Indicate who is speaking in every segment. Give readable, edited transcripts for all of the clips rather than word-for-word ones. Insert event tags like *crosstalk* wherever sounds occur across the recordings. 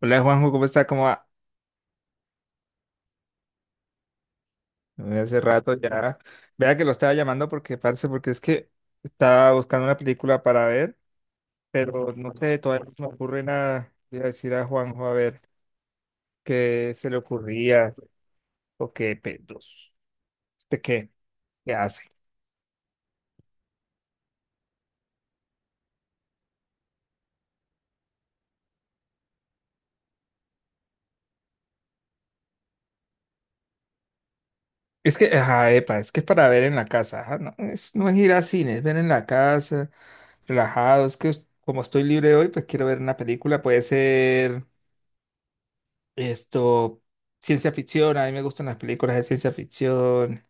Speaker 1: Hola Juanjo, ¿cómo está? ¿Cómo va? Mira, hace rato ya. Vea que lo estaba llamando porque, parce, porque es que estaba buscando una película para ver, pero no sé, todavía no se me ocurre nada. Le iba a decir a Juanjo a ver qué se le ocurría o qué pedos. ¿Este qué? ¿Qué hace? Es que, ajá, epa, es para ver en la casa. Ajá, no, no es ir al cine, es ver en la casa, relajado. Es que como estoy libre hoy, pues quiero ver una película. Puede ser. Esto, ciencia ficción, a mí me gustan las películas de ciencia ficción,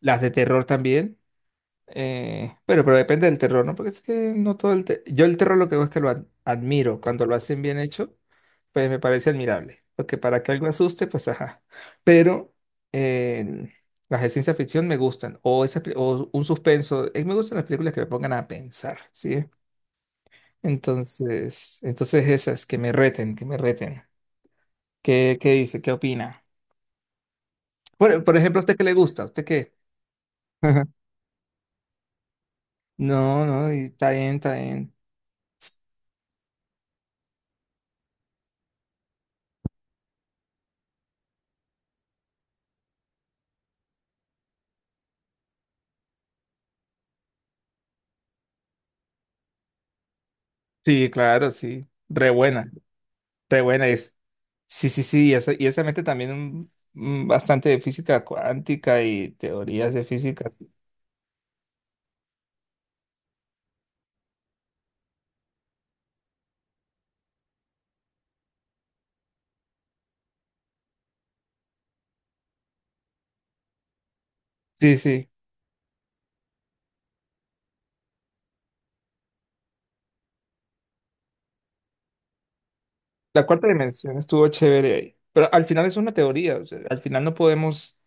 Speaker 1: las de terror también. Pero depende del terror, ¿no? Porque es que no todo el, yo el terror lo que hago es que lo admiro. Cuando lo hacen bien hecho, pues me parece admirable. Porque para que algo asuste, pues ajá. Pero eh, las de ciencia ficción me gustan. O un suspenso. Me gustan las películas que me pongan a pensar, ¿sí? Entonces esas, que me reten, que me reten. ¿Qué dice? ¿Qué opina? Por ejemplo, ¿a usted qué le gusta? ¿A ¿Usted qué? *laughs* No, no, y está bien, está bien. Sí, claro, sí. Re buena es. Sí, sí, sí, y esa mete también un bastante de física cuántica y teorías de física. Sí, sí. La cuarta dimensión estuvo chévere ahí. Pero al final es una teoría, o sea, al final no podemos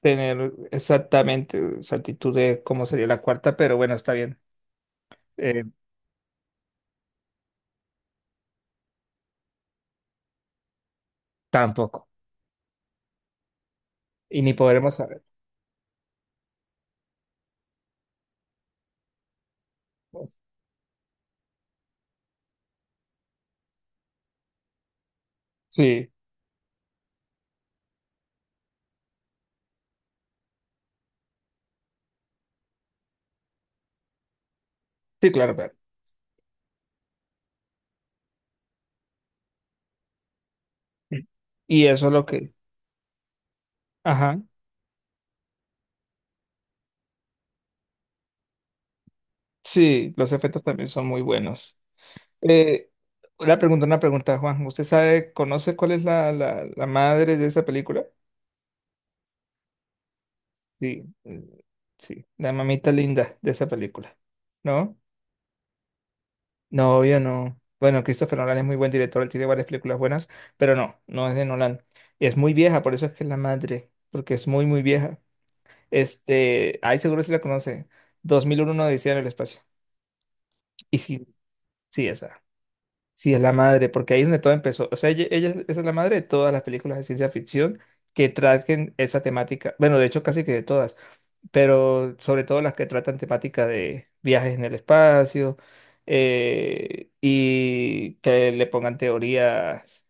Speaker 1: tener exactamente exactitud de cómo sería la cuarta, pero bueno, está bien. Eh, Tampoco. Y ni podremos saber. Pues, sí, sí, claro, claro. Y eso es lo que... Ajá. Sí, los efectos también son muy buenos. Eh, una pregunta, una pregunta, Juan. ¿Usted sabe, conoce cuál es la, la madre de esa película? Sí, sí, la mamita linda de esa película. ¿No? No, obvio no. Bueno, Christopher Nolan es muy buen director, él tiene varias películas buenas, pero no, no es de Nolan. Es muy vieja, por eso es que es la madre, porque es muy, muy vieja. Este, ahí seguro si la conoce. 2001 Odisea en el espacio. Y sí, sí, esa. Sí, es la madre, porque ahí es donde todo empezó. O sea, ella es esa es la madre de todas las películas de ciencia ficción que traten esa temática. Bueno, de hecho, casi que de todas, pero sobre todo las que tratan temática de viajes en el espacio, y que le pongan teorías,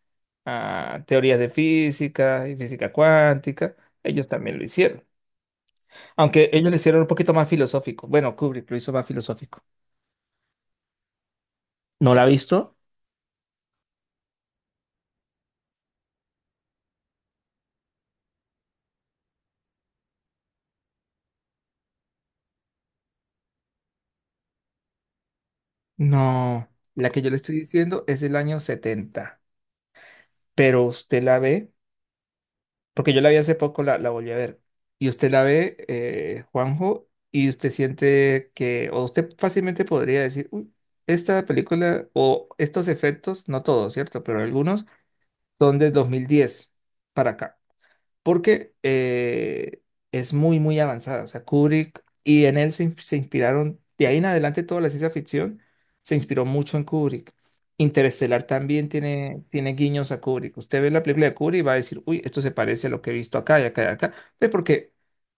Speaker 1: ah, teorías de física y física cuántica. Ellos también lo hicieron. Aunque ellos lo hicieron un poquito más filosófico. Bueno, Kubrick lo hizo más filosófico. No la ha visto, no, la que yo le estoy diciendo es del año 70. Pero usted la ve, porque yo la vi hace poco, la volví a ver, y usted la ve, Juanjo, y usted siente que, o usted fácilmente podría decir, "Uy, esta película o estos efectos, no todos, ¿cierto? Pero algunos son de 2010 para acá porque es muy, muy avanzada. O sea, Kubrick y en él se inspiraron, de ahí en adelante toda la ciencia ficción se inspiró mucho en Kubrick. Interestelar también tiene, tiene guiños a Kubrick. Usted ve la película de Kubrick y va a decir, uy, esto se parece a lo que he visto acá y acá y acá, pues porque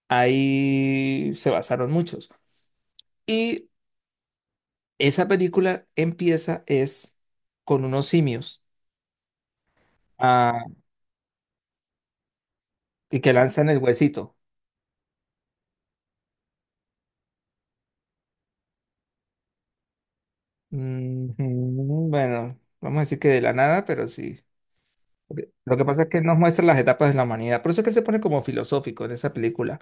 Speaker 1: ahí se basaron muchos. Y esa película empieza es con unos simios, ah, y que lanzan el huesito. Ujú, bueno, vamos a decir que de la nada, pero sí. Porque lo que pasa es que nos muestra las etapas de la humanidad. Por eso es que se pone como filosófico en esa película.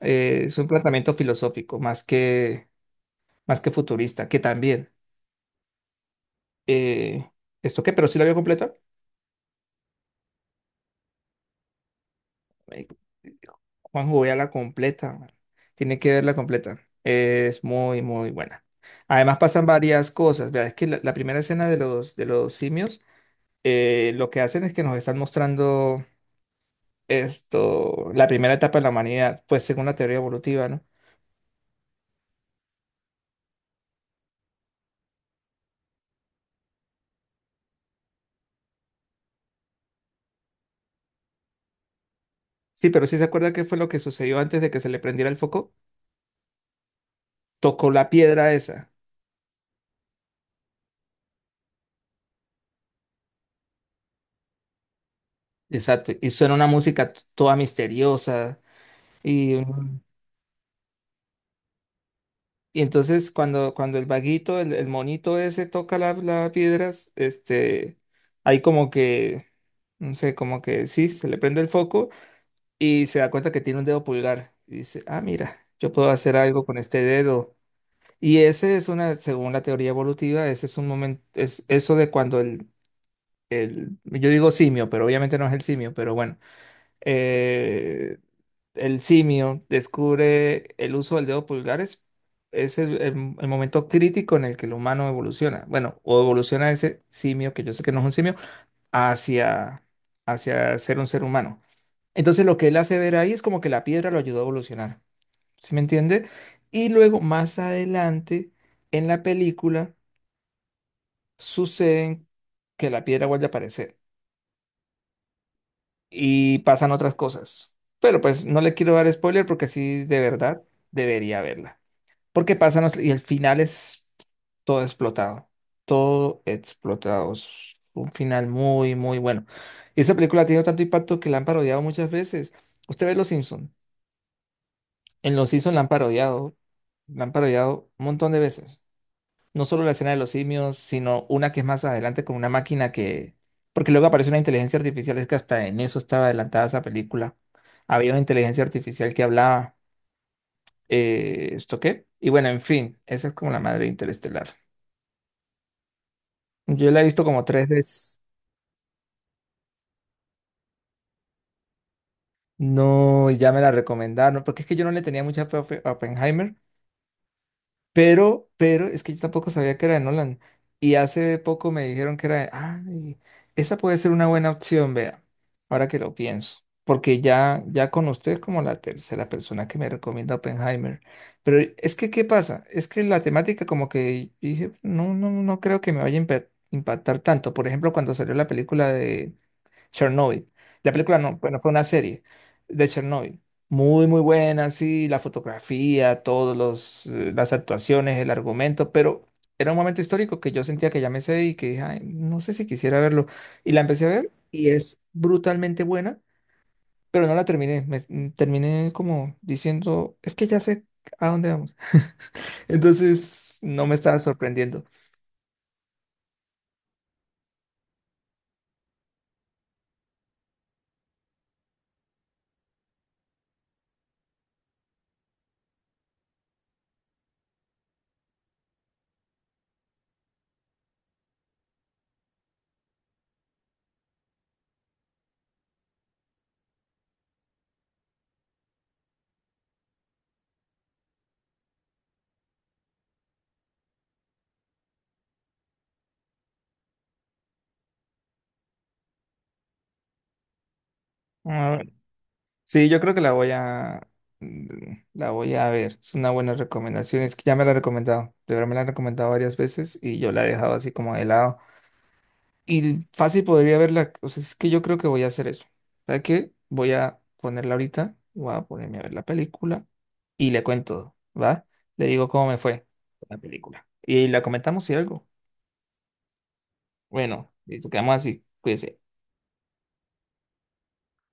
Speaker 1: Es un planteamiento filosófico más que futurista, que también. eh, ¿Esto qué? ¿Pero sí la vio completa? Eh, Juanjo, vea la completa, man. Tiene que verla completa. Es muy, muy buena. Además pasan varias cosas. Vea, es que la primera escena de los simios, lo que hacen es que nos están mostrando, esto, la primera etapa de la humanidad, pues según la teoría evolutiva, ¿no? Sí, pero sí se acuerda qué fue lo que sucedió antes de que se le prendiera el foco. Tocó la piedra esa. Exacto. Y suena una música toda misteriosa. Y, y entonces cuando el vaguito, el monito ese toca la, la piedra, este, hay como que, no sé, como que sí, se le prende el foco y se da cuenta que tiene un dedo pulgar. Y dice, ah, mira, yo puedo hacer algo con este dedo. Y ese es una, según la teoría evolutiva, ese es un momento, es eso de cuando yo digo simio, pero obviamente no es el simio, pero bueno, eh, el simio descubre el uso del dedo pulgar es el, el momento crítico en el que el humano evoluciona. Bueno, o evoluciona ese simio, que yo sé que no es un simio, hacia, hacia ser un ser humano. Entonces lo que él hace ver ahí es como que la piedra lo ayudó a evolucionar, ¿sí me entiende? Y luego más adelante en la película suceden que la piedra vuelve a aparecer y pasan otras cosas. Pero pues no le quiero dar spoiler porque sí, de verdad, debería verla. Porque y el final es todo explotado. Todo explotado. Es un final muy, muy bueno. Y esa película ha tenido tanto impacto que la han parodiado muchas veces. Usted ve Los Simpson. En Los Simpson la han parodiado. La han parodiado un montón de veces. No solo la escena de los simios, sino una que es más adelante con una máquina que, porque luego aparece una inteligencia artificial, es que hasta en eso estaba adelantada esa película. Había una inteligencia artificial que hablaba, ¿esto qué? Y bueno, en fin, esa es como la madre de Interestelar. Yo la he visto como tres veces. No, y ya me la recomendaron, porque es que yo no le tenía mucha fe a a Oppenheimer. Pero es que yo tampoco sabía que era de Nolan. Y hace poco me dijeron que era de, ay, esa puede ser una buena opción, vea, ahora que lo pienso. Porque ya con usted es como la tercera persona que me recomienda Oppenheimer. Pero es que, ¿qué pasa? Es que la temática como que dije, no, no, no creo que me vaya a impactar tanto. Por ejemplo, cuando salió la película de Chernobyl. La película no, bueno, fue una serie de Chernobyl. Muy, muy buena, sí, la fotografía, las actuaciones, el argumento, pero era un momento histórico que yo sentía que ya me sé y que dije, "Ay, no sé si quisiera verlo." Y la empecé a ver y es brutalmente buena, pero no la terminé. Terminé como diciendo, es que ya sé a dónde vamos. *laughs* Entonces, no me estaba sorprendiendo. Sí, yo creo que la voy a ver. Es una buena recomendación. Es que ya me la han recomendado. De verdad me la han recomendado varias veces y yo la he dejado así como de lado. Y fácil podría verla. O sea, es que yo creo que voy a hacer eso. ¿Sabes qué? Voy a ponerla ahorita. Voy a ponerme a ver la película y le cuento, ¿va? Le digo cómo me fue con la película. Y la comentamos si algo. Bueno, listo, quedamos así. Cuídense.